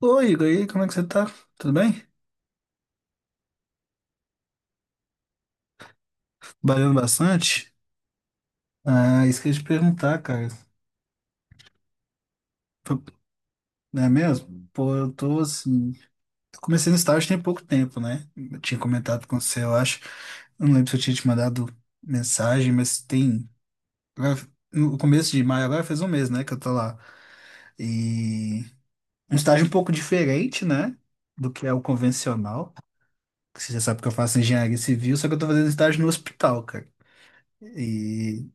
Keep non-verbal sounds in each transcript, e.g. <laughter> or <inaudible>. Oi, Igor, e aí, como é que você tá? Tudo bem? Trabalhando bastante? Ah, esqueci de perguntar, cara. Foi- Não é mesmo? Pô, eu tô assim. Eu comecei no estágio tem pouco tempo, né? Eu tinha comentado com você, eu acho. Eu não lembro se eu tinha te mandado mensagem, mas tem. agora- No começo de maio, agora fez um mês, né, que eu tô lá. E. Um estágio um pouco diferente, né? Do que é o convencional. Você já sabe que eu faço engenharia civil, só que eu tô fazendo estágio no hospital, cara. E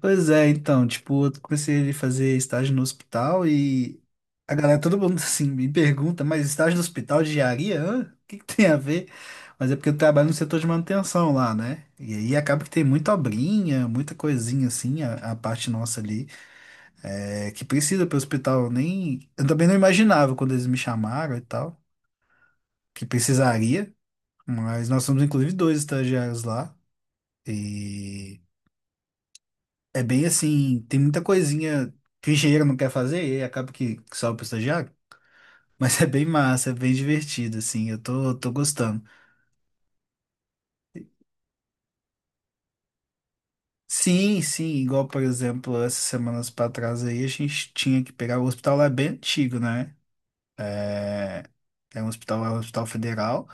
Pois é, então, tipo, eu comecei a fazer estágio no hospital e a galera, todo mundo <laughs> assim, me pergunta, mas estágio no hospital de diaria? Hã? O que que tem a ver? Mas é porque eu trabalho no setor de manutenção lá, né? E aí acaba que tem muita obrinha, muita coisinha assim, a parte nossa ali, que precisa para o hospital. Eu Nem, eu também não imaginava quando eles me chamaram e tal, que precisaria, mas nós somos inclusive dois estagiários lá. E É bem assim, tem muita coisinha que o engenheiro não quer fazer e aí acaba que sobra pro estagiário, <laughs> mas é bem massa, é bem divertido, assim, eu tô gostando. Sim, sim, igual, por exemplo, essas semanas pra trás aí, a gente tinha que pegar o hospital lá é bem antigo, né? É um hospital federal,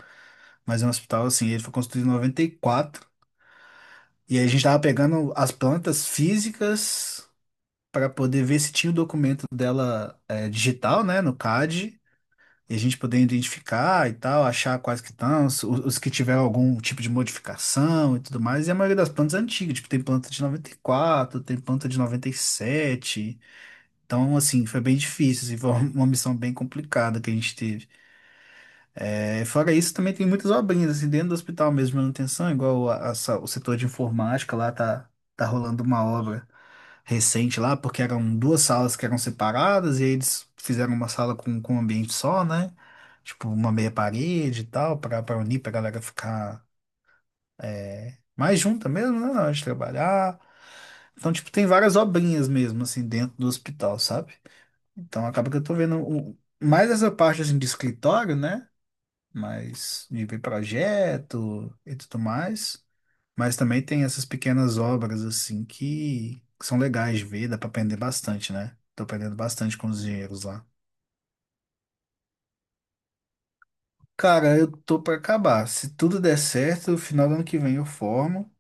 mas é um hospital, assim, ele foi construído em 94, e quatro, e aí a gente tava pegando as plantas físicas para poder ver se tinha o documento dela digital, né, no CAD, e a gente poder identificar e tal, achar quais que estão, os que tiveram algum tipo de modificação e tudo mais. E a maioria das plantas é antiga, tipo, tem planta de 94, tem planta de 97. Então, assim, foi bem difícil, assim, foi uma missão bem complicada que a gente teve. É, fora isso, também tem muitas obrinhas, assim, dentro do hospital mesmo, de manutenção, igual o setor de informática lá tá rolando uma obra recente lá, porque eram duas salas que eram separadas e aí eles fizeram uma sala com um ambiente só, né? Tipo, uma meia parede e tal, para unir, para galera ficar mais junta mesmo, né? Na hora de trabalhar. Então, tipo, tem várias obrinhas mesmo, assim, dentro do hospital, sabe? Então, acaba que eu tô vendo mais essa parte, assim, de escritório, né? Mais de ver projeto e tudo mais. Mas também tem essas pequenas obras assim que são legais de ver, dá pra aprender bastante, né? Tô aprendendo bastante com os engenheiros lá. Cara, eu tô pra acabar. Se tudo der certo, no final do ano que vem eu formo.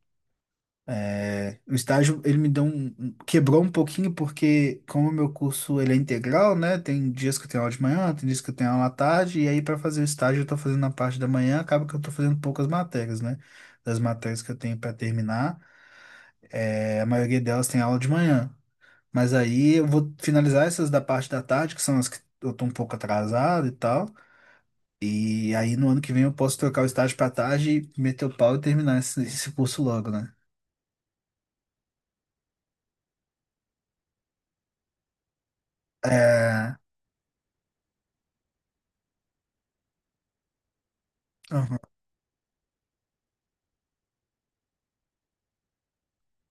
O estágio, ele me deu quebrou um pouquinho, porque como o meu curso, ele é integral, né? Tem dias que eu tenho aula de manhã, tem dias que eu tenho aula à tarde, e aí para fazer o estágio eu tô fazendo na parte da manhã, acaba que eu tô fazendo poucas matérias, né? Das matérias que eu tenho para terminar, a maioria delas tem aula de manhã. Mas aí eu vou finalizar essas da parte da tarde, que são as que eu tô um pouco atrasado e tal. E aí no ano que vem eu posso trocar o estágio para tarde, meter o pau e terminar esse, esse curso logo, né? É. Aham.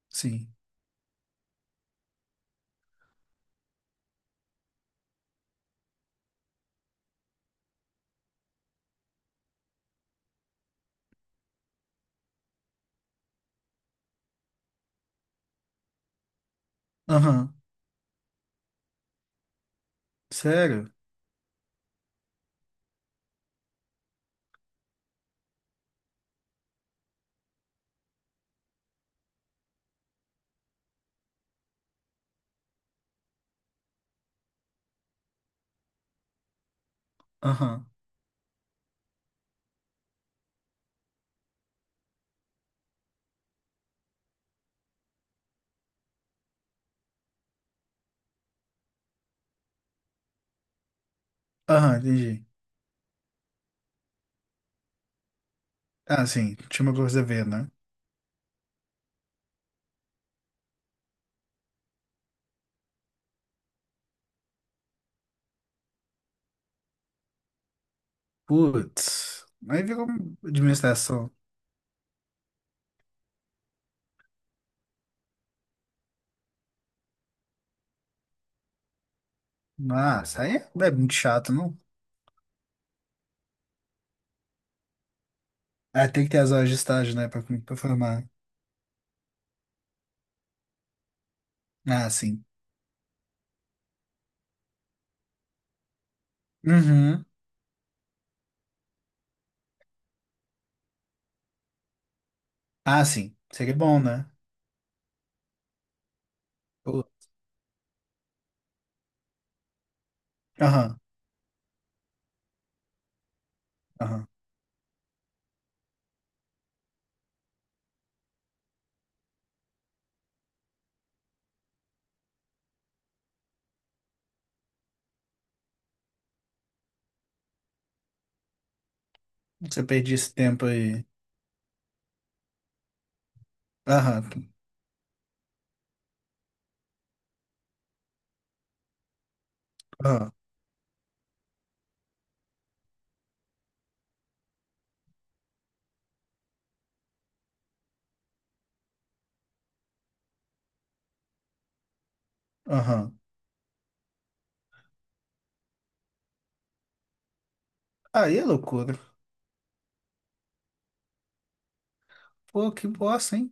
Sim. Aham. Sério? Aham. Aham, entendi. Ah, sim. Tinha uma coisa a ver, né? Putz. Aí virou administração. Ah, isso aí é muito chato, não? Ah, tem que ter as horas de estágio, né? Pra, pra formar. Ah, sim. Uhum. Ah, sim. Seria bom, né? Pô. Aham, aham. Você perde esse tempo aí. Aham, aham, aham. Aí é loucura. Pô, que bosta, hein?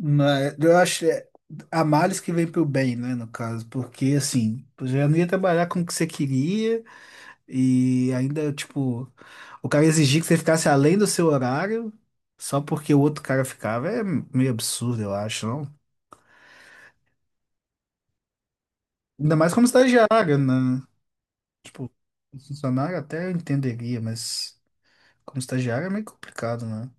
Mas eu acho há males que vem pro bem, né, no caso, porque assim, tu já não ia trabalhar com o que você queria e ainda, tipo, o cara exigir que você ficasse além do seu horário só porque o outro cara ficava é meio absurdo, eu acho, não? Ainda mais como estagiário, né? Tipo, funcionário até eu entenderia, mas. Como estagiário é meio complicado, né?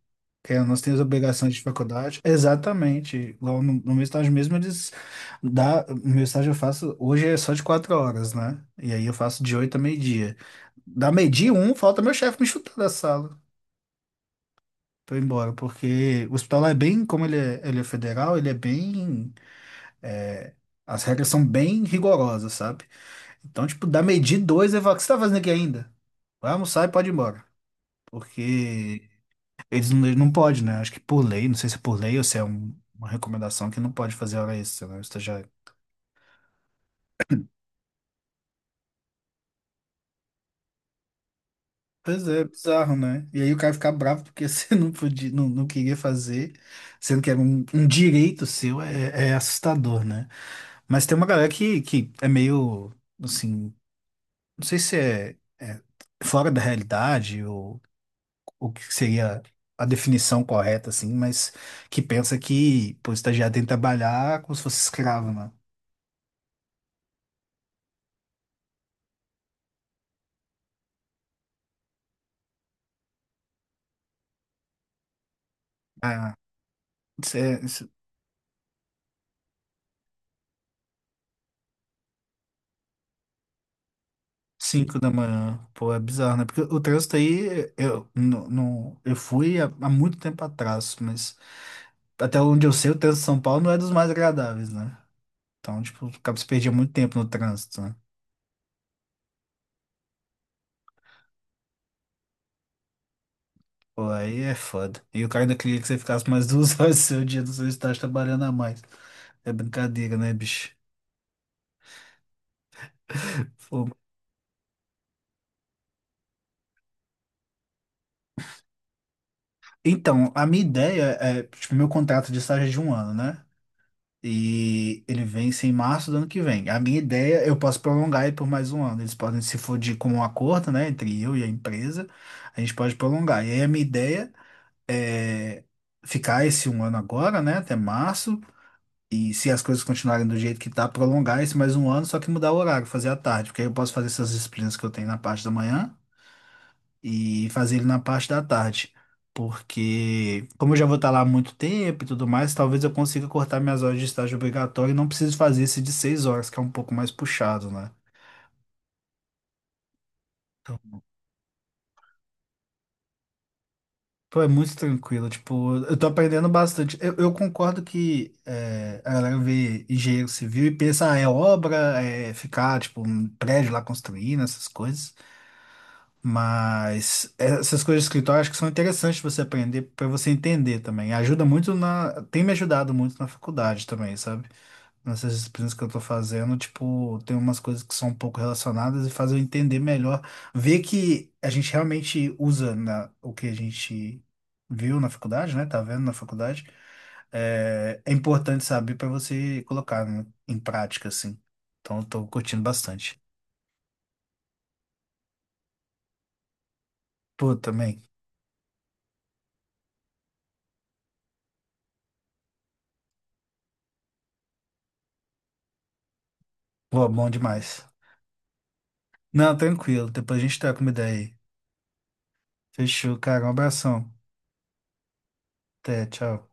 Porque nós temos obrigações de faculdade. Exatamente. Igual no, no meu estágio mesmo, meu estágio eu faço, hoje é só de 4 horas, né? E aí eu faço de oito a meio-dia. Da meio-dia um, falta meu chefe me chutar da sala. Tô embora, porque o hospital lá é bem, como ele é federal, ele é bem, é, as regras são bem rigorosas, sabe? Então, tipo, da meio-dia e dois, eu falo, o que você tá fazendo aqui ainda? Vai almoçar e pode ir embora. Porque eles não, não pode, né? Acho que por lei, não sei se é por lei ou se é uma recomendação que não pode fazer hora extra, né? O estagiário. Pois é, bizarro, né? E aí o cara ficar bravo porque <laughs> você não podia, não, não queria fazer, sendo que era um direito seu, é assustador, né? Mas tem uma galera que é meio, assim, não sei se é fora da realidade ou o que seria a definição correta, assim, mas que pensa que, pô, o estagiário tem que trabalhar como se fosse escravo, né? Ah, cinco da manhã, pô, é bizarro, né? Porque o trânsito aí, não, eu fui há muito tempo atrás, mas até onde eu sei, o trânsito de São Paulo não é dos mais agradáveis, né? Então, tipo, acaba se perdia muito tempo no trânsito, né? Pô, aí é foda. E o cara ainda queria que você ficasse mais duas <laughs> horas do seu dia do seu estágio trabalhando a mais. É brincadeira, né, bicho? Pô. Então, a minha ideia é, tipo, meu contrato de estágio é de um ano, né? E ele vence em março do ano que vem. A minha ideia, eu posso prolongar ele por mais um ano. Eles podem, se for de com um acordo, né, entre eu e a empresa, a gente pode prolongar. E aí a minha ideia é ficar esse um ano agora, né, até março. E se as coisas continuarem do jeito que tá, prolongar esse mais um ano, só que mudar o horário, fazer à tarde, porque aí eu posso fazer essas disciplinas que eu tenho na parte da manhã e fazer ele na parte da tarde. Porque, como eu já vou estar lá há muito tempo e tudo mais, talvez eu consiga cortar minhas horas de estágio obrigatório e não preciso fazer esse de 6 horas, que é um pouco mais puxado, né? Pô, é muito tranquilo, tipo, eu tô aprendendo bastante. Eu concordo que é, a galera vê engenheiro civil e pensa, ah, é obra, é ficar, tipo, um prédio lá construindo, essas coisas. Mas essas coisas de escritório acho que são interessantes você aprender para você entender também. Ajuda muito na. Tem me ajudado muito na faculdade também, sabe? Nessas disciplinas que eu tô fazendo, tipo, tem umas coisas que são um pouco relacionadas e faz eu entender melhor, ver que a gente realmente usa na, o que a gente viu na faculdade, né? Tá vendo na faculdade. É, é importante saber para você colocar né, em prática, assim. Então, eu tô curtindo bastante. Pô, também. Pô, bom demais. Não, tranquilo. Depois a gente troca uma ideia aí. Fechou, cara. Um abração. Até, tchau.